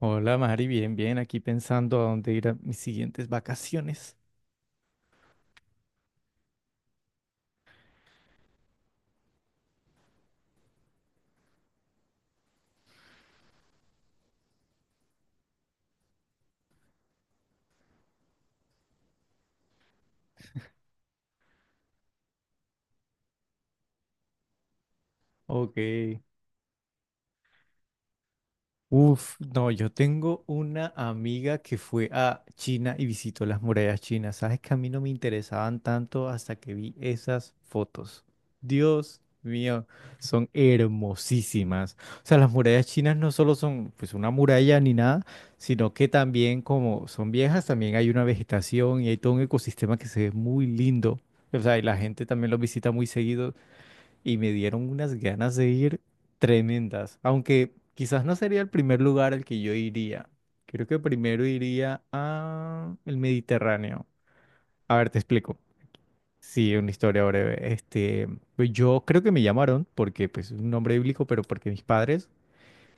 Hola Mari, bien, bien, aquí pensando a dónde ir a mis siguientes vacaciones. Ok. Uf, no, yo tengo una amiga que fue a China y visitó las murallas chinas. Sabes que a mí no me interesaban tanto hasta que vi esas fotos. Dios mío, son hermosísimas. O sea, las murallas chinas no solo son pues una muralla ni nada, sino que también como son viejas, también hay una vegetación y hay todo un ecosistema que se ve muy lindo. O sea, y la gente también los visita muy seguido y me dieron unas ganas de ir tremendas, aunque quizás no sería el primer lugar al que yo iría. Creo que primero iría a el Mediterráneo. A ver, te explico. Sí, una historia breve. Este, pues yo creo que me llamaron porque pues es un nombre bíblico, pero porque mis padres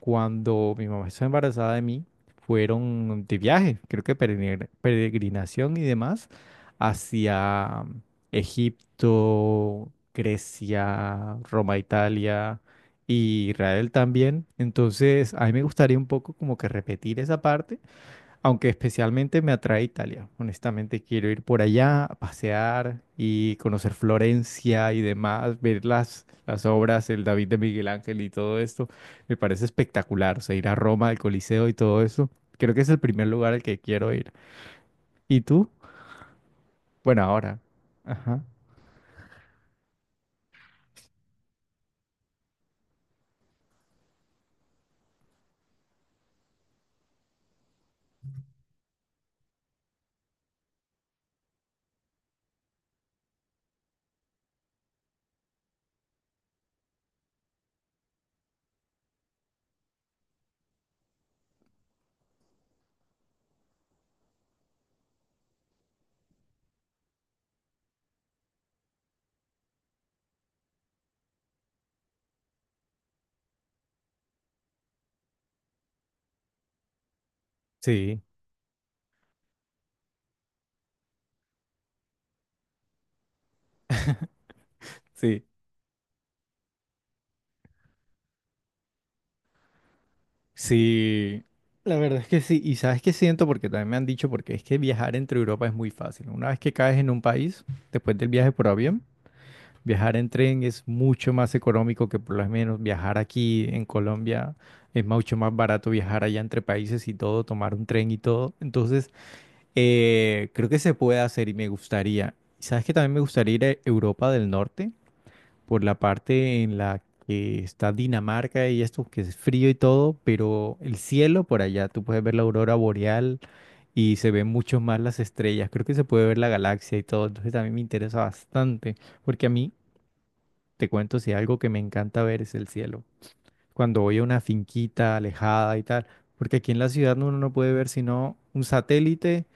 cuando mi mamá estaba embarazada de mí, fueron de viaje, creo que peregrinación y demás, hacia Egipto, Grecia, Roma, Italia y Israel también. Entonces, a mí me gustaría un poco como que repetir esa parte aunque especialmente me atrae Italia. Honestamente, quiero ir por allá a pasear y conocer Florencia y demás, ver las obras, el David de Miguel Ángel y todo esto. Me parece espectacular. O sea, ir a Roma, al Coliseo y todo eso. Creo que es el primer lugar al que quiero ir. ¿Y tú? Bueno, ahora. Ajá. Sí. Sí, sí, la verdad es que sí. Y sabes qué siento, porque también me han dicho, porque es que viajar entre Europa es muy fácil. Una vez que caes en un país, después del viaje por avión, viajar en tren es mucho más económico que por lo menos viajar aquí en Colombia. Es mucho más barato viajar allá entre países y todo, tomar un tren y todo. Entonces, creo que se puede hacer y me gustaría. ¿Sabes que también me gustaría ir a Europa del Norte? Por la parte en la que está Dinamarca y esto, que es frío y todo, pero el cielo por allá, tú puedes ver la aurora boreal y se ven mucho más las estrellas. Creo que se puede ver la galaxia y todo. Entonces, también me interesa bastante, porque a mí... Te cuento si algo que me encanta ver es el cielo. Cuando voy a una finquita alejada y tal, porque aquí en la ciudad uno no puede ver sino un satélite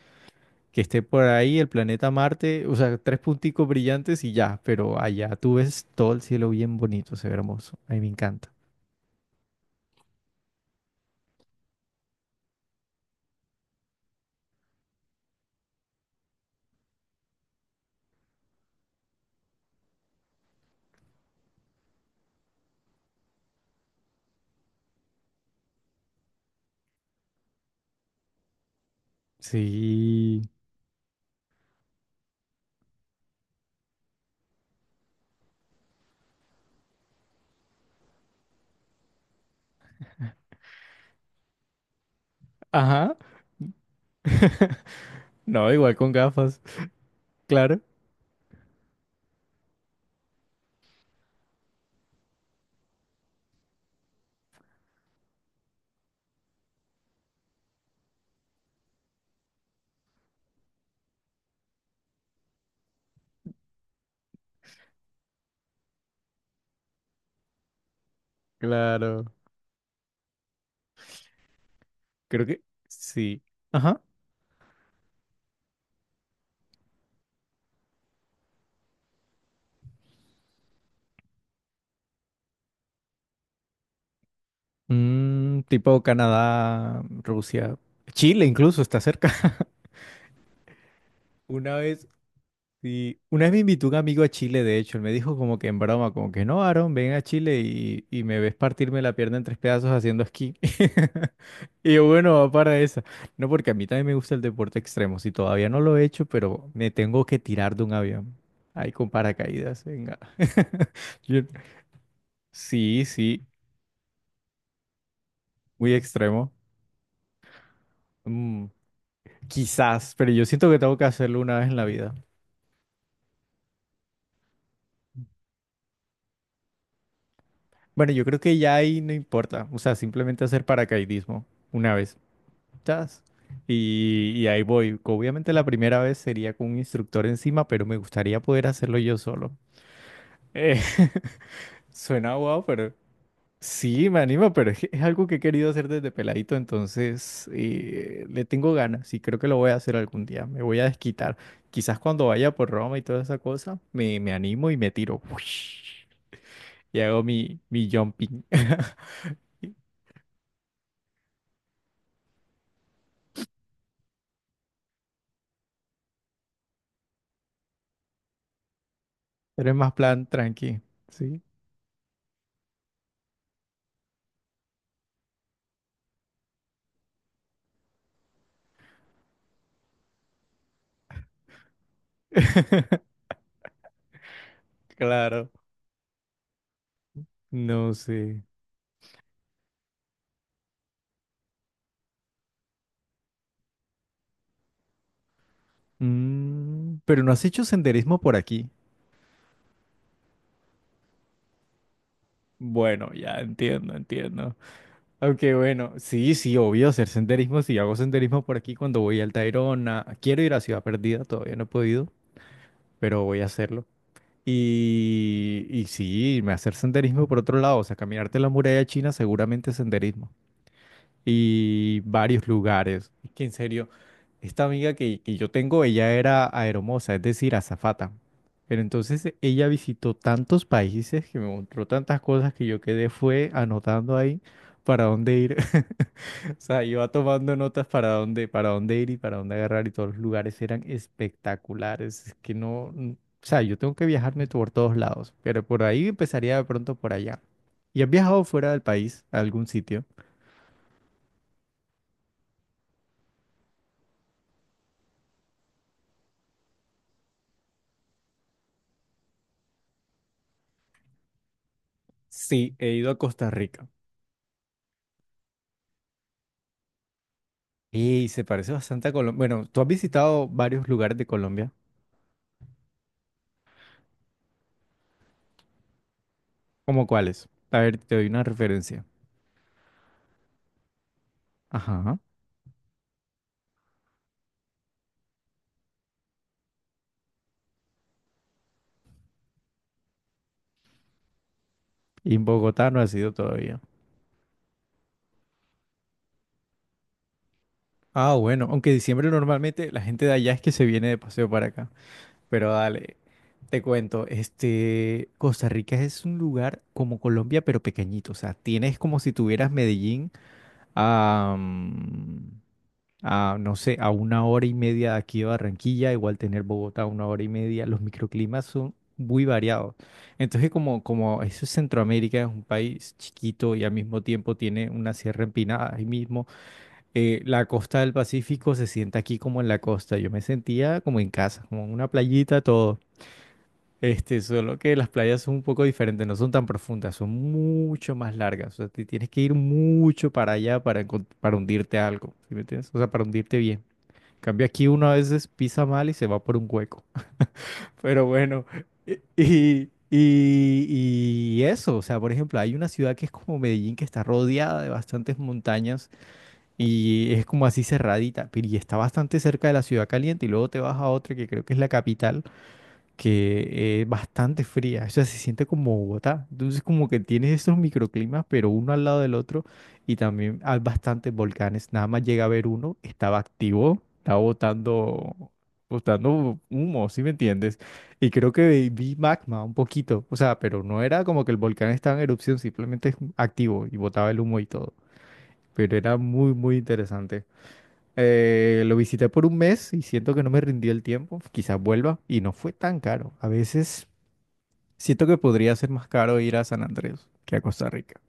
que esté por ahí, el planeta Marte, o sea, tres punticos brillantes y ya, pero allá tú ves todo el cielo bien bonito, se ve hermoso. A mí me encanta. Sí. Ajá. No, igual con gafas. Claro, claro. Creo que sí. Ajá. Tipo Canadá, Rusia, Chile incluso está cerca. Una vez Y una vez me invitó un amigo a Chile, de hecho, él me dijo como que en broma, como que no, Aaron, ven a Chile y, me ves partirme la pierna en tres pedazos haciendo esquí. Y yo, bueno, va para esa. No, porque a mí también me gusta el deporte extremo, si todavía no lo he hecho, pero me tengo que tirar de un avión. Ahí con paracaídas, venga. Yo- sí, sí, muy extremo. Mm, quizás, pero yo siento que tengo que hacerlo una vez en la vida. Bueno, yo creo que ya ahí no importa, o sea, simplemente hacer paracaidismo una vez. Chas. Y, ahí voy. Obviamente la primera vez sería con un instructor encima, pero me gustaría poder hacerlo yo solo. Eh, suena guau, pero sí, me anima, pero es, que es algo que he querido hacer desde peladito, entonces le tengo ganas y creo que lo voy a hacer algún día. Me voy a desquitar. Quizás cuando vaya por Roma y toda esa cosa, me animo y me tiro. Uish, y hago mi, mi jumping. Pero es más plan tranqui, ¿sí? Claro, no sé. Mm, pero no has hecho senderismo por aquí. Bueno, ya entiendo, entiendo. Aunque bueno, sí, sí, obvio hacer senderismo. Si hago senderismo por aquí cuando voy al Tayrona. Quiero ir a Ciudad Perdida, todavía no he podido, pero voy a hacerlo. Y, sí, me hacer senderismo por otro lado, o sea, caminarte la muralla china, seguramente senderismo. Y varios lugares. Es que en serio, esta amiga que yo tengo, ella era aeromoza, es decir, azafata. Pero entonces ella visitó tantos países que me mostró tantas cosas que yo quedé fue anotando ahí para dónde ir. O sea, iba tomando notas para dónde ir y para dónde agarrar y todos los lugares eran espectaculares. Es que no, o sea, yo tengo que viajarme por todos lados, pero por ahí empezaría de pronto por allá. ¿Y has viajado fuera del país a algún sitio? Sí, he ido a Costa Rica y se parece bastante a Colombia. Bueno, tú has visitado varios lugares de Colombia. ¿Cómo cuáles? A ver, te doy una referencia. Ajá. Y en Bogotá no has ido todavía. Ah, bueno, aunque diciembre normalmente la gente de allá es que se viene de paseo para acá. Pero dale, te cuento, este, Costa Rica es un lugar como Colombia, pero pequeñito. O sea, tienes como si tuvieras Medellín, a, no sé, a una hora y media de aquí de Barranquilla, igual tener Bogotá a una hora y media, los microclimas son muy variados. Entonces, como, como eso es Centroamérica, es un país chiquito y al mismo tiempo tiene una sierra empinada, ahí mismo, la costa del Pacífico se siente aquí como en la costa. Yo me sentía como en casa, como en una playita, todo. Este, solo que las playas son un poco diferentes, no son tan profundas, son mucho más largas. O sea, te tienes que ir mucho para allá para, para hundirte algo, ¿sí me entiendes? O sea, para hundirte bien. Cambia aquí uno a veces pisa mal y se va por un hueco. Pero bueno, y eso, o sea, por ejemplo, hay una ciudad que es como Medellín, que está rodeada de bastantes montañas y es como así cerradita, pero y está bastante cerca de la ciudad caliente y luego te vas a otra que creo que es la capital que es bastante fría, o sea, se siente como Bogotá. Entonces, como que tienes estos microclimas, pero uno al lado del otro, y también hay bastantes volcanes. Nada más llega a ver uno, estaba activo, estaba botando humo, ¿sí me entiendes? Y creo que vi magma un poquito, o sea, pero no era como que el volcán estaba en erupción, simplemente activo y botaba el humo y todo. Pero era muy, muy interesante. Lo visité por un mes y siento que no me rindió el tiempo. Quizás vuelva y no fue tan caro. A veces siento que podría ser más caro ir a San Andrés que a Costa Rica.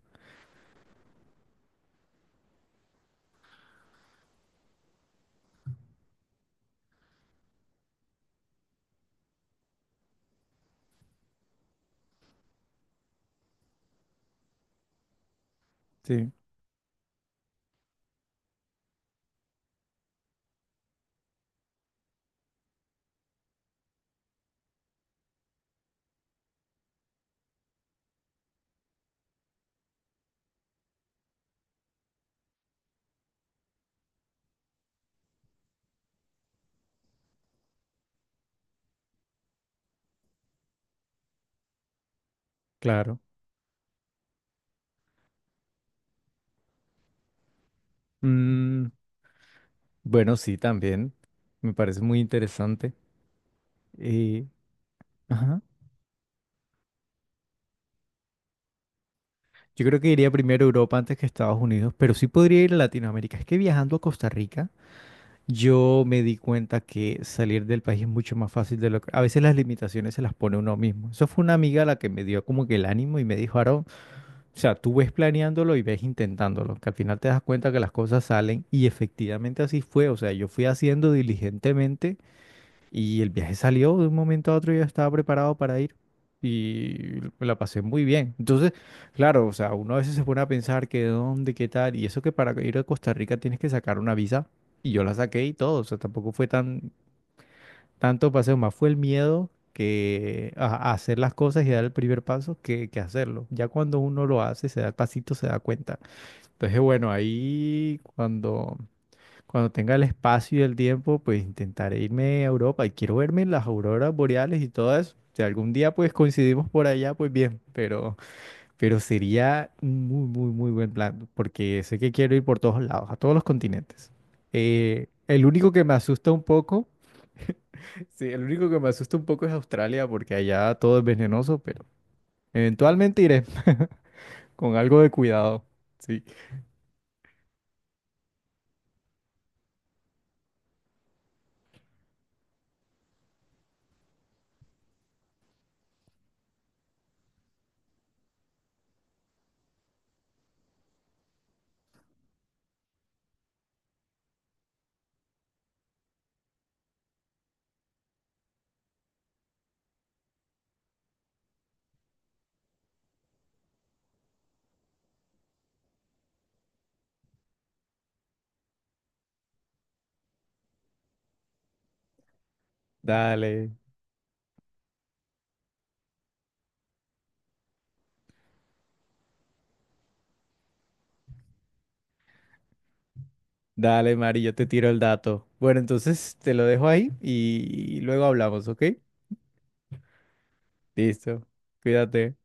Sí, claro. Mm, bueno, sí, también. Me parece muy interesante. Eh, ajá. Yo creo que iría primero a Europa antes que a Estados Unidos, pero sí podría ir a Latinoamérica. Es que viajando a Costa Rica yo me di cuenta que salir del país es mucho más fácil de lo que... A veces las limitaciones se las pone uno mismo. Eso fue una amiga la que me dio como que el ánimo y me dijo, Aaron, o sea, tú ves planeándolo y ves intentándolo, que al final te das cuenta que las cosas salen y efectivamente así fue. O sea, yo fui haciendo diligentemente y el viaje salió de un momento a otro y yo estaba preparado para ir y la pasé muy bien. Entonces, claro, o sea, uno a veces se pone a pensar que dónde, qué tal, y eso que para ir a Costa Rica tienes que sacar una visa y yo la saqué y todo, o sea, tampoco fue tanto paseo, más fue el miedo que a hacer las cosas y dar el primer paso que hacerlo. Ya cuando uno lo hace, se da el pasito, se da cuenta. Entonces, bueno, ahí cuando tenga el espacio y el tiempo, pues intentaré irme a Europa y quiero verme las auroras boreales y todo eso. Si algún día pues coincidimos por allá, pues bien, pero sería un muy, muy, muy buen plan, porque sé que quiero ir por todos lados, a todos los continentes. El único que me asusta un poco, sí, el único que me asusta un poco es Australia, porque allá todo es venenoso, pero eventualmente iré con algo de cuidado. Sí, dale. Dale, Mari, yo te tiro el dato. Bueno, entonces te lo dejo ahí y luego hablamos, ¿ok? Listo. Cuídate.